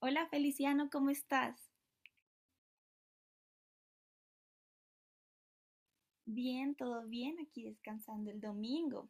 Hola Feliciano, ¿cómo estás? Bien, todo bien, aquí descansando el domingo.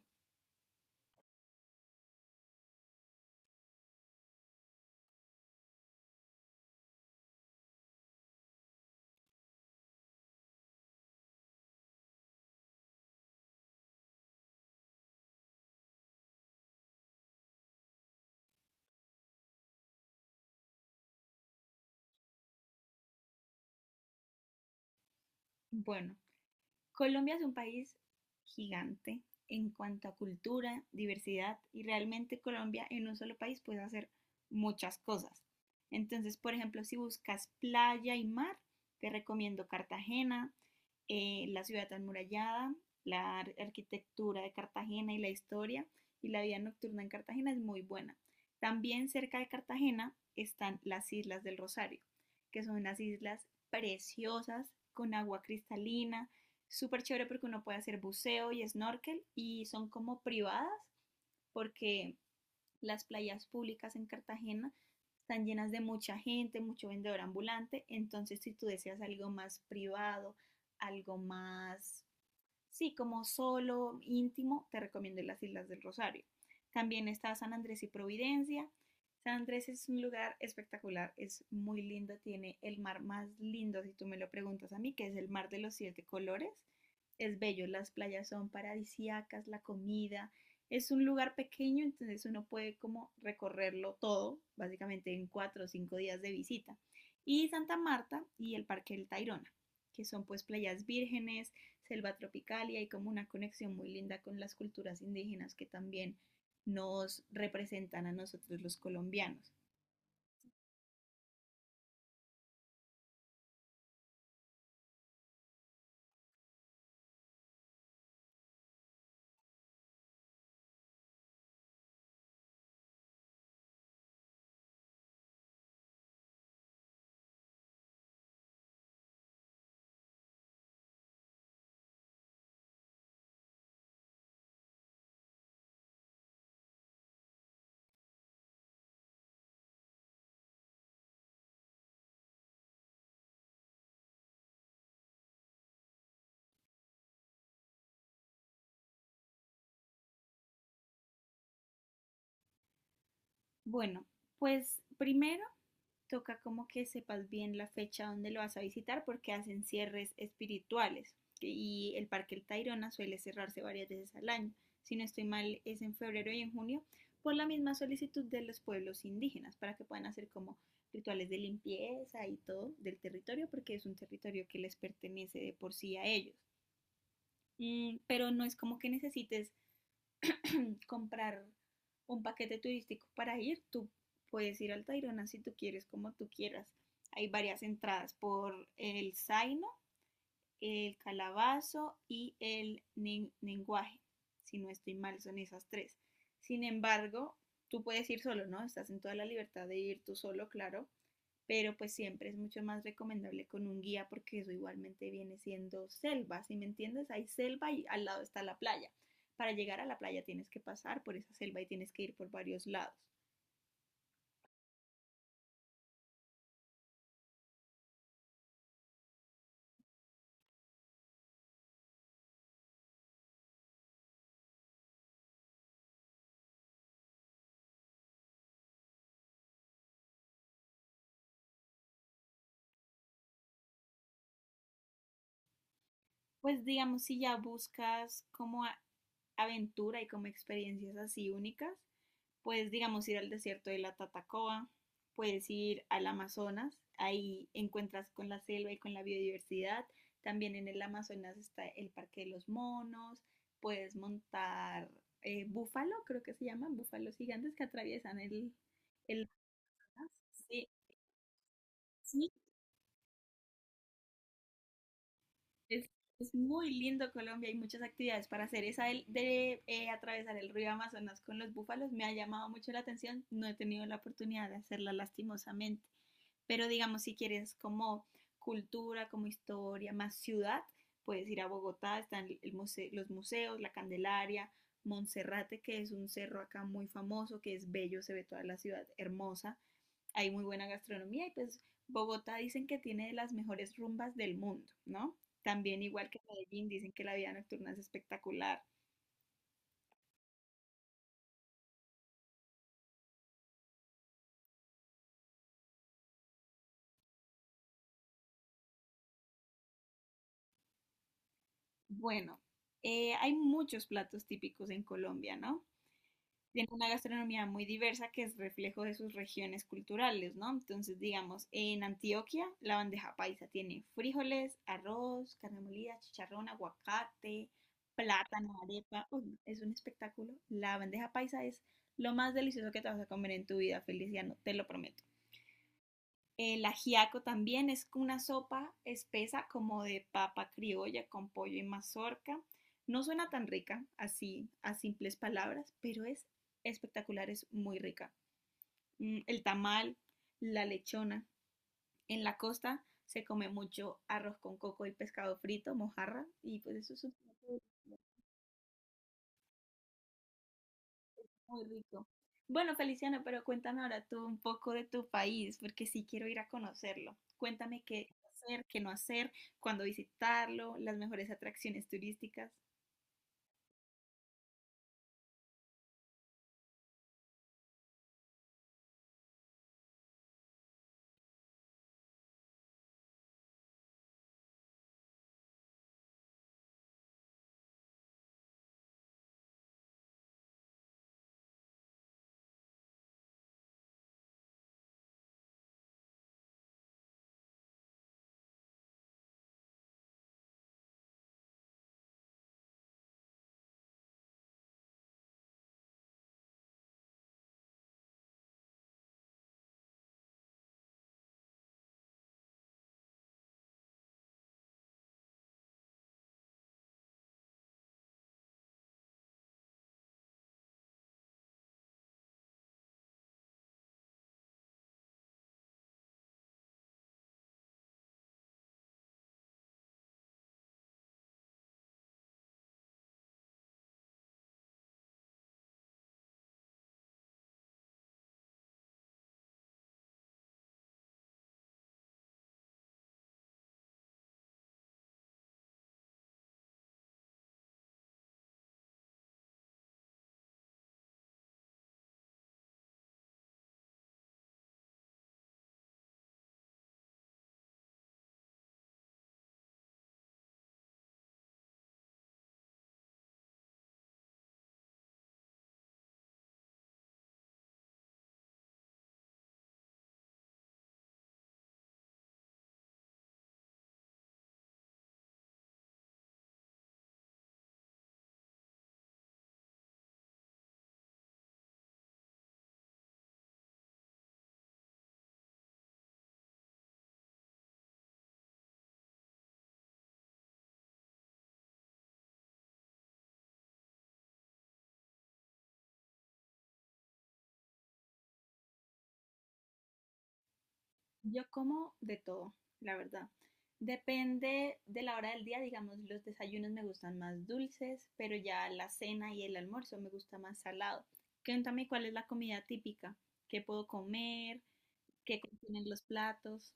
Bueno, Colombia es un país gigante en cuanto a cultura, diversidad y realmente Colombia en un solo país puede hacer muchas cosas. Entonces, por ejemplo, si buscas playa y mar, te recomiendo Cartagena, la ciudad amurallada, la arquitectura de Cartagena y la historia y la vida nocturna en Cartagena es muy buena. También cerca de Cartagena están las Islas del Rosario, que son unas islas preciosas con agua cristalina, súper chévere porque uno puede hacer buceo y snorkel y son como privadas porque las playas públicas en Cartagena están llenas de mucha gente, mucho vendedor ambulante. Entonces, si tú deseas algo más privado, algo más, sí, como solo, íntimo, te recomiendo las Islas del Rosario. También está San Andrés y Providencia. San Andrés es un lugar espectacular, es muy lindo, tiene el mar más lindo, si tú me lo preguntas a mí, que es el mar de los siete colores. Es bello, las playas son paradisíacas, la comida. Es un lugar pequeño, entonces uno puede como recorrerlo todo, básicamente en cuatro o cinco días de visita. Y Santa Marta y el Parque del Tayrona, que son pues playas vírgenes, selva tropical y hay como una conexión muy linda con las culturas indígenas que también nos representan a nosotros los colombianos. Bueno, pues primero toca como que sepas bien la fecha donde lo vas a visitar porque hacen cierres espirituales y el Parque El Tayrona suele cerrarse varias veces al año. Si no estoy mal, es en febrero y en junio por la misma solicitud de los pueblos indígenas para que puedan hacer como rituales de limpieza y todo del territorio porque es un territorio que les pertenece de por sí a ellos. Pero no es como que necesites comprar un paquete turístico para ir, tú puedes ir al Tayrona si tú quieres, como tú quieras. Hay varias entradas por el Zaino, el Calabazo y el Lenguaje. Si no estoy mal, son esas tres. Sin embargo, tú puedes ir solo, ¿no? Estás en toda la libertad de ir tú solo, claro, pero pues siempre es mucho más recomendable con un guía porque eso igualmente viene siendo selva, si me entiendes, hay selva y al lado está la playa. Para llegar a la playa tienes que pasar por esa selva y tienes que ir por varios lados. Pues digamos, si ya buscas como aventura y como experiencias así únicas, puedes, digamos, ir al desierto de la Tatacoa, puedes ir al Amazonas, ahí encuentras con la selva y con la biodiversidad. También en el Amazonas está el Parque de los Monos, puedes montar búfalo, creo que se llaman, búfalos gigantes que atraviesan el... Sí, sí, es, es muy lindo Colombia, hay muchas actividades para hacer. Esa de, de atravesar el río Amazonas con los búfalos me ha llamado mucho la atención, no he tenido la oportunidad de hacerla lastimosamente. Pero digamos, si quieres como cultura, como historia, más ciudad, puedes ir a Bogotá, están el muse los museos, la Candelaria, Monserrate, que es un cerro acá muy famoso, que es bello, se ve toda la ciudad hermosa, hay muy buena gastronomía y pues Bogotá dicen que tiene de las mejores rumbas del mundo, ¿no? También igual que Medellín, dicen que la vida nocturna es espectacular. Bueno, hay muchos platos típicos en Colombia, ¿no? Tiene una gastronomía muy diversa que es reflejo de sus regiones culturales, ¿no? Entonces, digamos, en Antioquia la bandeja paisa tiene frijoles, arroz, carne molida, chicharrón, aguacate, plátano, arepa. Uy, no, es un espectáculo. La bandeja paisa es lo más delicioso que te vas a comer en tu vida, Feliciano, te lo prometo. El ajiaco también es una sopa espesa como de papa criolla con pollo y mazorca. No suena tan rica así a simples palabras, pero es espectacular, es muy rica. El tamal, la lechona. En la costa se come mucho arroz con coco y pescado frito, mojarra, y pues eso es un... Muy rico. Bueno, Feliciano, pero cuéntame ahora tú un poco de tu país, porque sí quiero ir a conocerlo. Cuéntame qué hacer, qué no hacer, cuándo visitarlo, las mejores atracciones turísticas. Yo como de todo, la verdad. Depende de la hora del día, digamos, los desayunos me gustan más dulces, pero ya la cena y el almuerzo me gusta más salado. Cuéntame cuál es la comida típica, qué puedo comer, qué contienen los platos.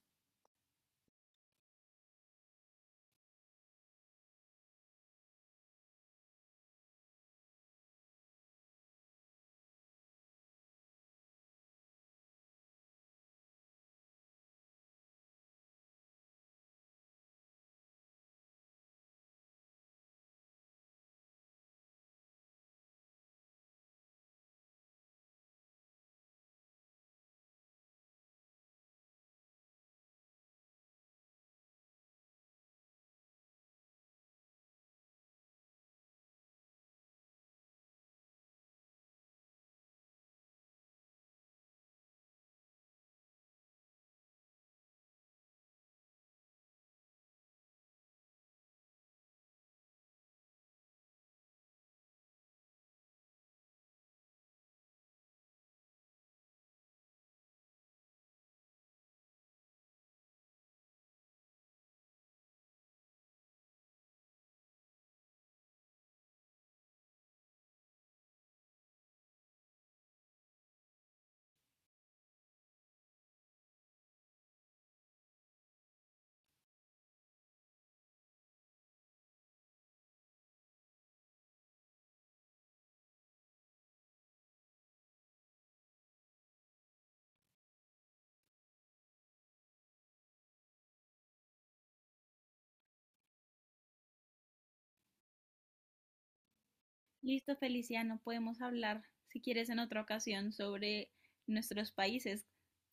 Listo, Feliciano, podemos hablar, si quieres, en otra ocasión sobre nuestros países.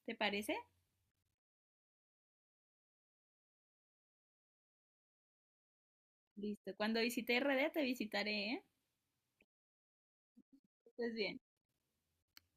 ¿Te parece? Listo. Cuando visite RD te visitaré, ¿eh? Que estés bien.